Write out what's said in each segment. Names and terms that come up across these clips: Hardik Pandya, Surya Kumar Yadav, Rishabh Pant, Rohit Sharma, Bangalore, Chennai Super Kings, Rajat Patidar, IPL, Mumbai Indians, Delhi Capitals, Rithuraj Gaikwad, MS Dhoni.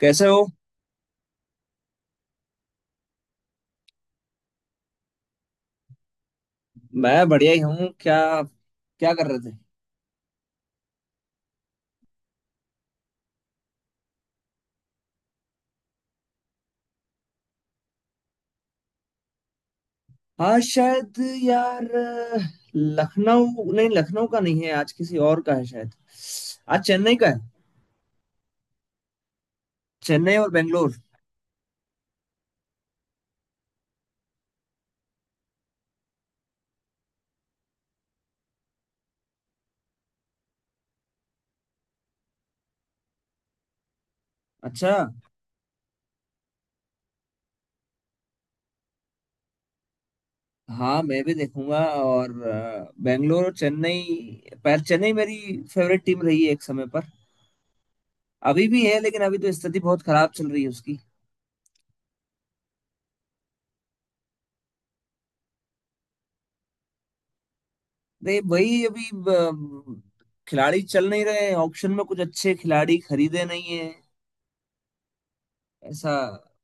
कैसे हो। मैं बढ़िया ही हूँ क्या। क्या कर रहे थे? हाँ, शायद यार। लखनऊ नहीं, लखनऊ का नहीं है आज, किसी और का है शायद। आज चेन्नई का है। चेन्नई और बेंगलोर। अच्छा। हाँ, मैं भी देखूंगा। और बेंगलोर और चेन्नई, पर चेन्नई मेरी फेवरेट टीम रही है एक समय पर। अभी भी है, लेकिन अभी तो स्थिति बहुत खराब चल रही है उसकी। नहीं, वही अभी खिलाड़ी चल नहीं रहे। ऑक्शन में कुछ अच्छे खिलाड़ी खरीदे नहीं है ऐसा।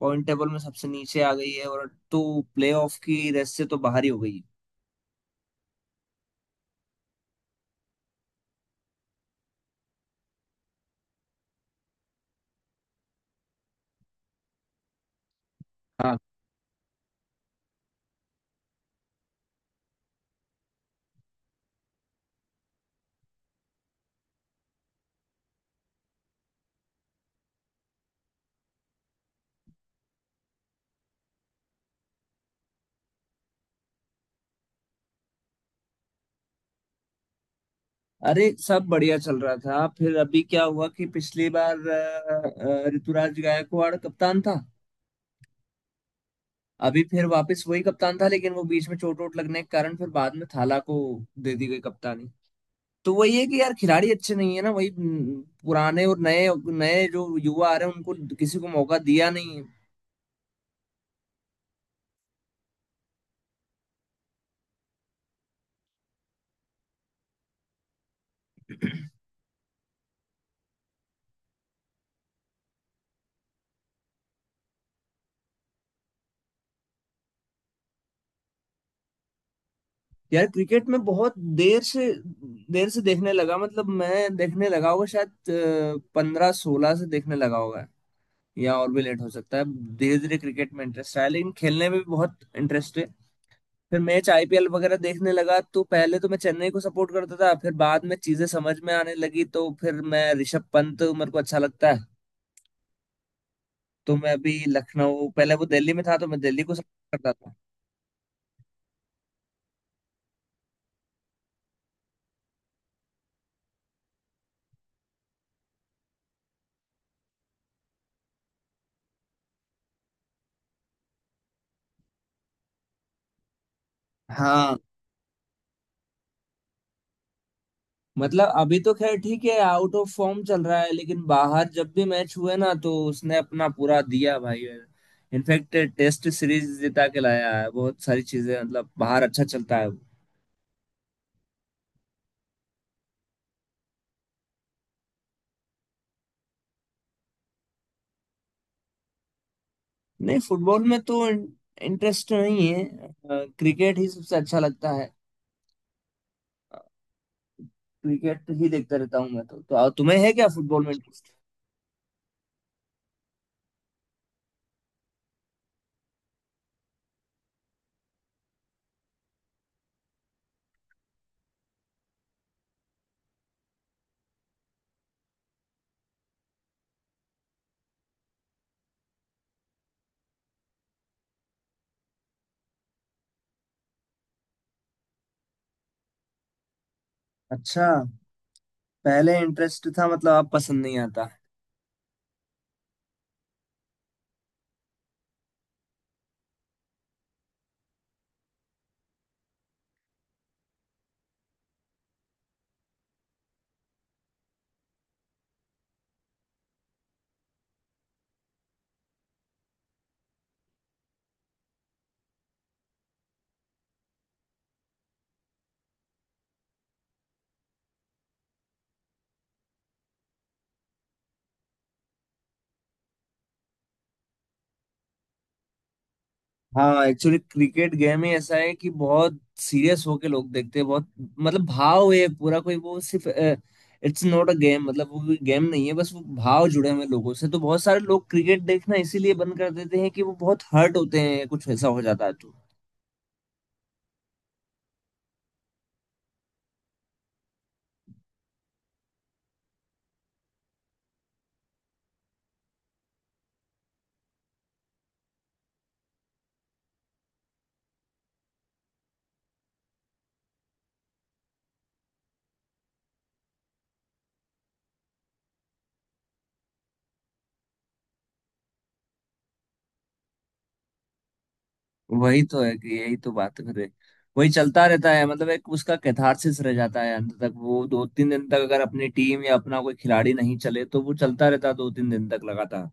पॉइंट टेबल में सबसे नीचे आ गई है और तो प्लेऑफ की रेस से तो बाहर ही हो गई। हाँ। अरे, सब बढ़िया चल रहा था, फिर अभी क्या हुआ कि पिछली बार ऋतुराज गायकवाड़ कप्तान था। अभी फिर वापस वही कप्तान था, लेकिन वो बीच में चोट वोट लगने के कारण फिर बाद में थाला को दे दी गई कप्तानी। तो वही है कि यार खिलाड़ी अच्छे नहीं है ना। वही पुराने, और नए नए जो युवा आ रहे हैं उनको किसी को मौका दिया नहीं है। यार क्रिकेट में बहुत देर से देर से देखने लगा। मतलब मैं देखने लगा होगा शायद 15 16 से, देखने लगा होगा। या और भी लेट हो सकता है। धीरे धीरे क्रिकेट में इंटरेस्ट आया, लेकिन खेलने में भी बहुत इंटरेस्ट है। फिर मैच आईपीएल वगैरह देखने लगा, तो पहले तो मैं चेन्नई को सपोर्ट करता था। फिर बाद में चीजें समझ में आने लगी तो फिर मैं, ऋषभ पंत मेरे को अच्छा लगता है। तो मैं अभी लखनऊ, पहले वो दिल्ली में था तो मैं दिल्ली को सपोर्ट करता था। हाँ। मतलब अभी तो खैर ठीक है, आउट ऑफ फॉर्म चल रहा है, लेकिन बाहर जब भी मैच हुए ना तो उसने अपना पूरा दिया भाई। इनफैक्ट टेस्ट सीरीज जिता के लाया है, बहुत सारी चीजें मतलब बाहर अच्छा चलता है वो। नहीं, फुटबॉल में तो इंटरेस्ट नहीं है। क्रिकेट ही सबसे अच्छा लगता है। क्रिकेट ही देखता रहता हूँ मैं तो तुम्हें है क्या फुटबॉल में इंटरेस्ट? अच्छा। पहले इंटरेस्ट था मतलब, अब पसंद नहीं आता? हाँ, एक्चुअली क्रिकेट गेम ही ऐसा है कि बहुत सीरियस होके लोग देखते हैं। बहुत मतलब भाव है पूरा, कोई वो, सिर्फ इट्स नॉट अ गेम, मतलब वो कोई गेम नहीं है बस, वो भाव जुड़े हुए हैं लोगों से। तो बहुत सारे लोग क्रिकेट देखना इसीलिए बंद कर देते हैं कि वो बहुत हर्ट होते हैं, कुछ ऐसा हो जाता है तो। वही तो है, कि यही तो बात है फिर, वही चलता रहता है। मतलब एक उसका कैथारसिस रह जाता है अंत तक, वो 2 3 दिन तक, अगर अपनी टीम या अपना कोई खिलाड़ी नहीं चले तो वो चलता रहता है 2 3 दिन तक लगातार।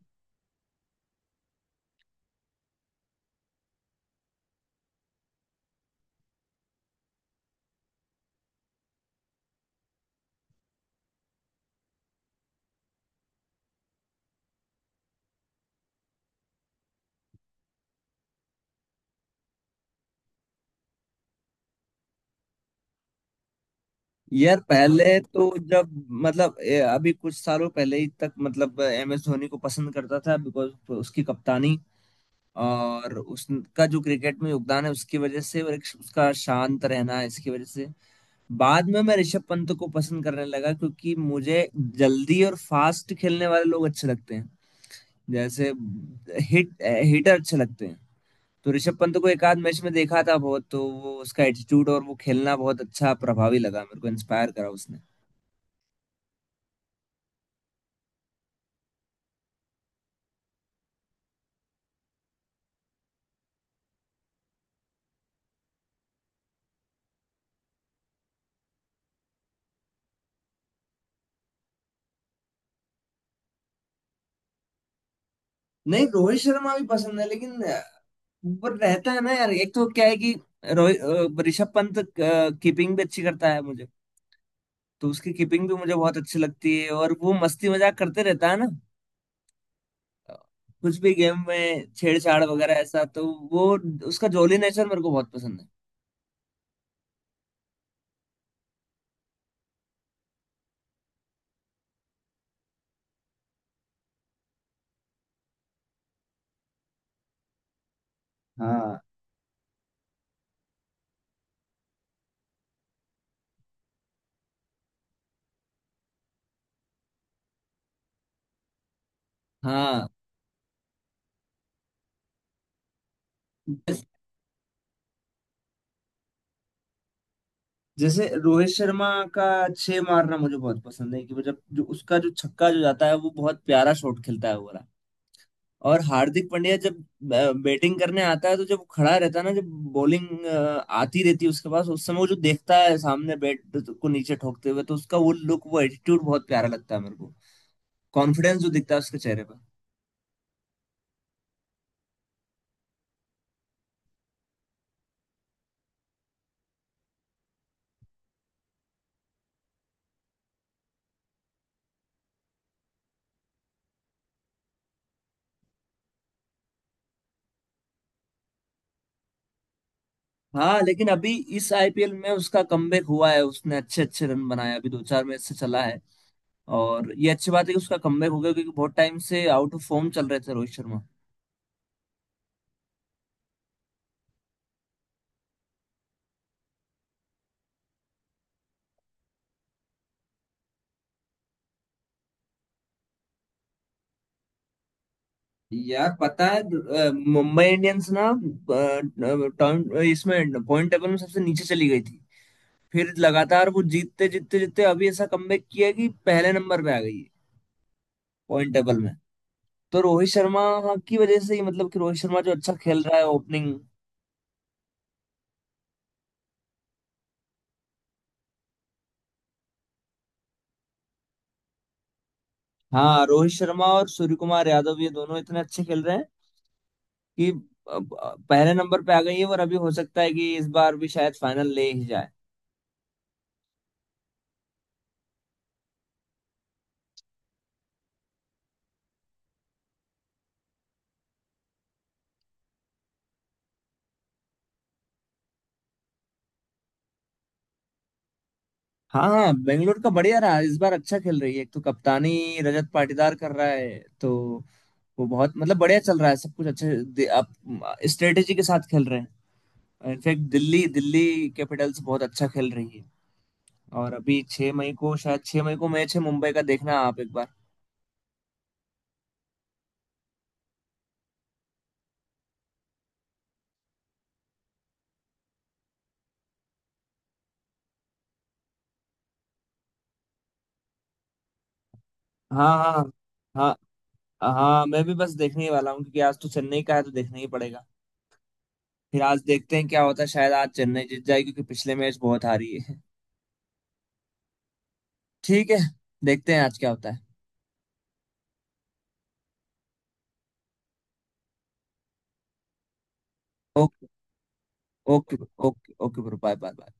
यार पहले तो, जब मतलब अभी कुछ सालों पहले ही तक, मतलब एम एस धोनी को पसंद करता था, बिकॉज उसकी कप्तानी और उसका जो क्रिकेट में योगदान है उसकी वजह से, और एक उसका शांत रहना है इसकी वजह से। बाद में मैं ऋषभ पंत को पसंद करने लगा, क्योंकि मुझे जल्दी और फास्ट खेलने वाले लोग अच्छे लगते हैं। जैसे हिट, हिटर अच्छे लगते हैं। तो ऋषभ पंत को एक आध मैच में देखा था बहुत, तो वो उसका एटीट्यूड और वो खेलना बहुत अच्छा, प्रभावी लगा मेरे को, इंस्पायर करा उसने। नहीं, रोहित शर्मा भी पसंद है, लेकिन पर रहता है ना यार। एक तो क्या है कि ऋषभ पंत कीपिंग भी अच्छी करता है मुझे। तो उसकी कीपिंग भी मुझे बहुत अच्छी लगती है, और वो मस्ती मजाक करते रहता है ना, कुछ भी गेम में छेड़छाड़ वगैरह ऐसा तो। वो उसका जॉली नेचर मेरे को बहुत पसंद है। हाँ, हाँ। जैस- जैसे रोहित शर्मा का छह मारना मुझे बहुत पसंद है, कि वो जब, जो उसका जो छक्का जो जाता है, वो बहुत प्यारा शॉट खेलता है वो वाला। और हार्दिक पांड्या जब बैटिंग करने आता है, तो जब खड़ा रहता है ना, जब बॉलिंग आती रहती है उसके पास, उस समय वो जो देखता है सामने, बैट को नीचे ठोकते हुए, तो उसका वो लुक, वो एटीट्यूड बहुत प्यारा लगता है मेरे को। कॉन्फिडेंस जो दिखता है उसके चेहरे पर। हाँ, लेकिन अभी इस आईपीएल में उसका कमबैक हुआ है, उसने अच्छे अच्छे रन बनाए, अभी 2 4 मैच से चला है। और ये अच्छी बात है कि उसका कमबैक हो गया, क्योंकि बहुत टाइम से आउट ऑफ फॉर्म चल रहे थे रोहित शर्मा। यार पता है मुंबई इंडियंस ना, इसमें पॉइंट टेबल में सबसे नीचे चली गई थी। फिर लगातार वो जीतते जीतते जीतते अभी ऐसा कमबैक किया कि पहले नंबर पे आ गई है पॉइंट टेबल में। तो रोहित शर्मा की वजह से ही, मतलब कि रोहित शर्मा जो अच्छा खेल रहा है ओपनिंग। हाँ, रोहित शर्मा और सूर्य कुमार यादव ये दोनों इतने अच्छे खेल रहे हैं कि अब, पहले नंबर पे आ गई है। और अभी हो सकता है कि इस बार भी शायद फाइनल ले ही जाए। हाँ, बेंगलोर का बढ़िया रहा इस बार, अच्छा खेल रही है। एक तो कप्तानी रजत पाटीदार कर रहा है, तो वो बहुत मतलब बढ़िया चल रहा है सब कुछ। अच्छे आप स्ट्रेटेजी के साथ खेल रहे हैं। इनफैक्ट दिल्ली दिल्ली कैपिटल्स बहुत अच्छा खेल रही है। और अभी 6 मई को, शायद 6 मई को मैच है मुंबई का, देखना आप एक बार। हाँ, हाँ, हाँ। हाँ, मैं भी बस देखने ही वाला हूँ, क्योंकि आज तो चेन्नई का है तो देखना ही पड़ेगा। फिर आज देखते हैं क्या होता है, शायद आज चेन्नई जीत जाए, क्योंकि पिछले मैच बहुत हारी है। ठीक है, देखते हैं आज क्या होता है। Okay. Okay, okay, okay bro, bye bye bye.